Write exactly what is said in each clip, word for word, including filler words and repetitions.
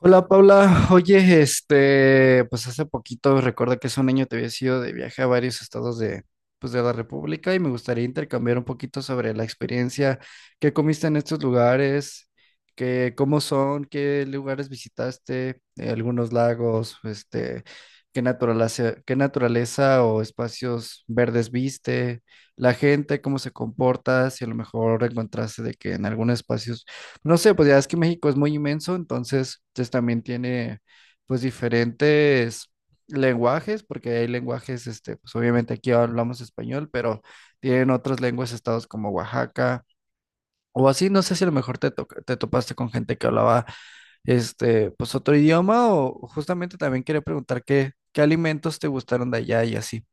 Hola Paula, oye, este, pues hace poquito, recuerda que hace un año te había ido de viaje a varios estados de, pues de la República, y me gustaría intercambiar un poquito sobre la experiencia. ¿Qué comiste en estos lugares? Qué, ¿cómo son? ¿Qué lugares visitaste? Eh, ¿algunos lagos? Este, ¿qué naturaleza? Qué naturaleza o espacios verdes viste. La gente, cómo se comporta, si a lo mejor encontraste de que en algunos espacios, no sé, pues ya es que México es muy inmenso, entonces pues también tiene pues diferentes lenguajes, porque hay lenguajes. Este, pues obviamente aquí hablamos español, pero tienen otras lenguas, estados como Oaxaca o así. No sé si a lo mejor te, to- te topaste con gente que hablaba, este, pues, otro idioma, o justamente también quería preguntar qué, qué alimentos te gustaron de allá y así.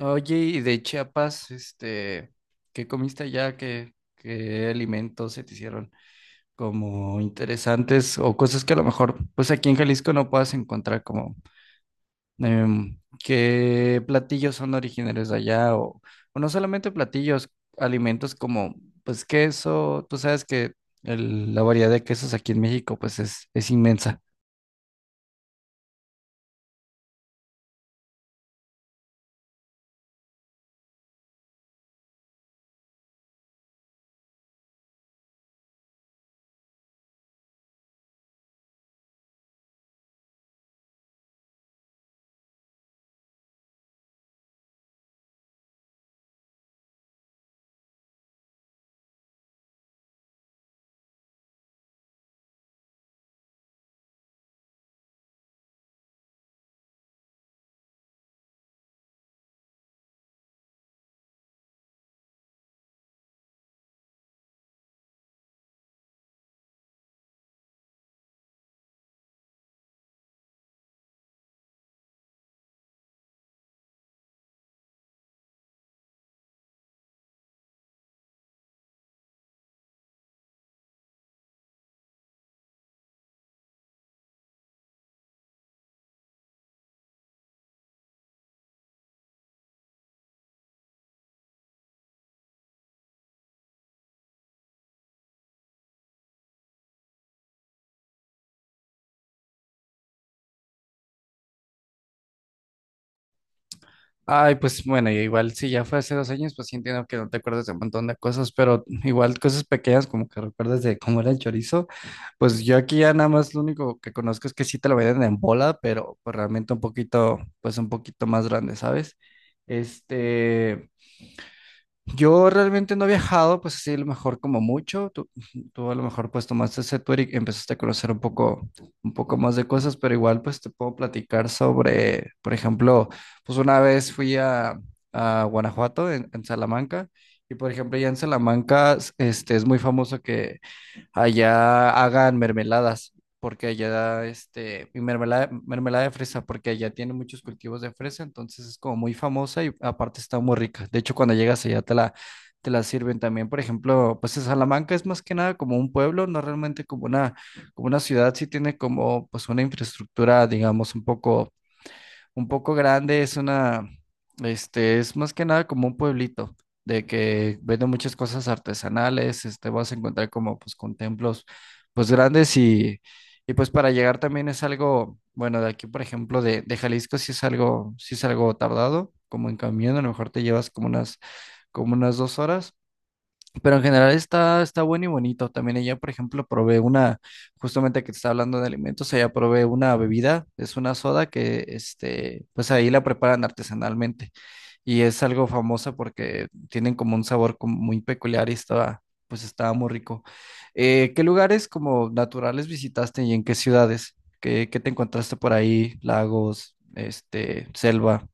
Oye, y de Chiapas, este, ¿qué comiste allá? ¿Qué, ¿qué alimentos se te hicieron como interesantes, o cosas que a lo mejor pues aquí en Jalisco no puedas encontrar? Como em, qué platillos son originarios de allá, o, o no solamente platillos, alimentos como pues queso. Tú sabes que el- la variedad de quesos aquí en México pues es, es inmensa. Ay, pues bueno, y igual si ya fue hace dos años, pues sí entiendo que no te acuerdas de un montón de cosas, pero igual cosas pequeñas, como que recuerdas de cómo era el chorizo. Pues yo aquí ya nada más lo único que conozco es que sí te lo venden en bola, pero pues realmente un poquito, pues un poquito más grande, ¿sabes? Este, yo realmente no he viajado, pues así, a lo mejor, como mucho. Tú, tú a lo mejor pues tomaste ese tour y empezaste a conocer un poco, un poco más de cosas, pero igual pues te puedo platicar sobre, por ejemplo, pues una vez fui a, a Guanajuato, en, en Salamanca. Y por ejemplo ya en Salamanca s- este, es muy famoso que allá hagan mermeladas, porque allá, este, y mermelada, mermelada de fresa, porque allá tiene muchos cultivos de fresa, entonces es como muy famosa y aparte está muy rica. De hecho, cuando llegas allá te la, te la sirven también. Por ejemplo, pues en Salamanca es más que nada como un pueblo, no realmente como una, como una ciudad. Sí tiene como pues una infraestructura, digamos, un poco un poco grande. Es una, este, es más que nada como un pueblito, de que vende muchas cosas artesanales. este, vas a encontrar como pues con templos pues grandes, y, y pues para llegar también es algo, bueno, de aquí por ejemplo de, de Jalisco, sí es algo, sí es algo tardado. Como en camión, a lo mejor te llevas como unas, como unas dos horas, pero en general está, está bueno y bonito. También ella, por ejemplo, probé una, justamente que te estaba hablando de alimentos, ella probé una bebida. Es una soda que, este, pues ahí la preparan artesanalmente, y es algo famosa porque tienen como un sabor como muy peculiar, y estaba, pues estaba muy rico. Eh, ¿qué lugares como naturales visitaste, y en qué ciudades? ¿Qué, ¿qué te encontraste por ahí? Lagos, este, selva.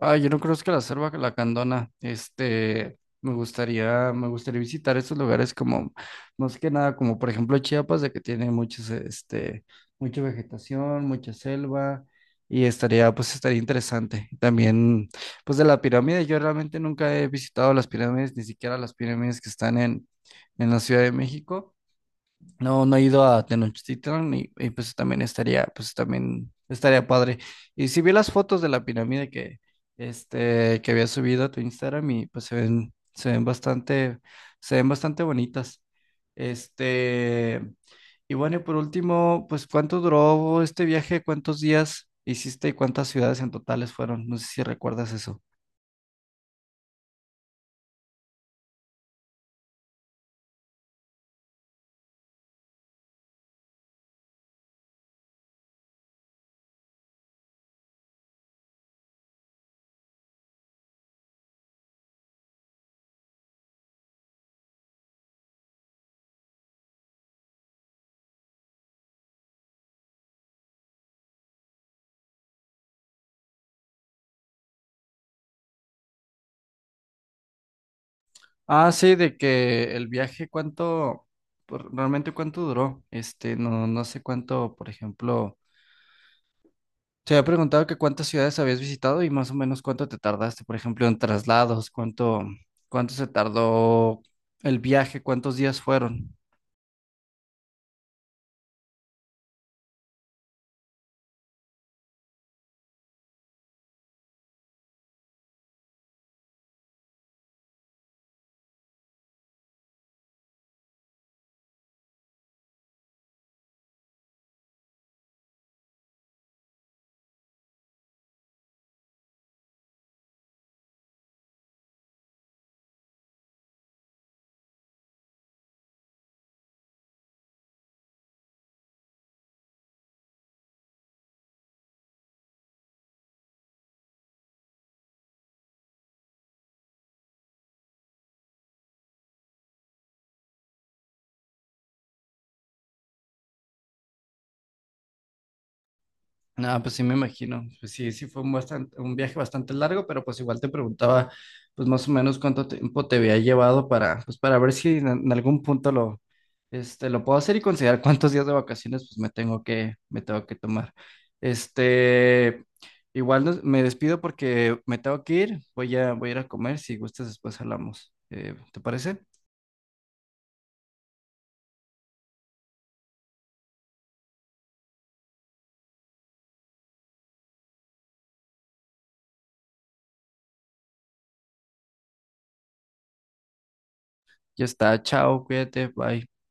Ah, yo no conozco la selva la lacandona. Este, me gustaría, me gustaría visitar esos lugares, como más que nada, como por ejemplo Chiapas, de que tiene muchos, este, mucha vegetación, mucha selva, y estaría, pues estaría interesante. También, pues de la pirámide, yo realmente nunca he visitado las pirámides, ni siquiera las pirámides que están en, en la Ciudad de México. No, no he ido a Tenochtitlan, y, y, pues también estaría, pues también estaría padre. Y si vi las fotos de la pirámide que, este, que había subido a tu Instagram, y pues se ven, se ven bastante, se ven bastante bonitas. Este, y bueno, y por último, pues ¿cuánto duró este viaje? ¿Cuántos días hiciste y cuántas ciudades en totales fueron? No sé si recuerdas eso. Ah, sí, de que el viaje, ¿cuánto, por- realmente cuánto duró? Este, no, no sé cuánto. Por ejemplo, te había preguntado que cuántas ciudades habías visitado y más o menos cuánto te tardaste, por ejemplo en traslados, cuánto, cuánto se tardó el viaje, cuántos días fueron. Ah, pues sí me imagino, pues sí, sí fue un bastante, un viaje bastante largo, pero pues igual te preguntaba, pues más o menos cuánto tiempo te había llevado, para pues para ver si en en algún punto lo... Este, lo puedo hacer y considerar cuántos días de vacaciones pues me tengo que, me tengo que tomar. Este, igual nos- me despido porque me tengo que ir. Voy a, voy a ir a comer. Si gustas, después hablamos. Eh, ¿te parece? Ya está. Chao, cuídate. Bye.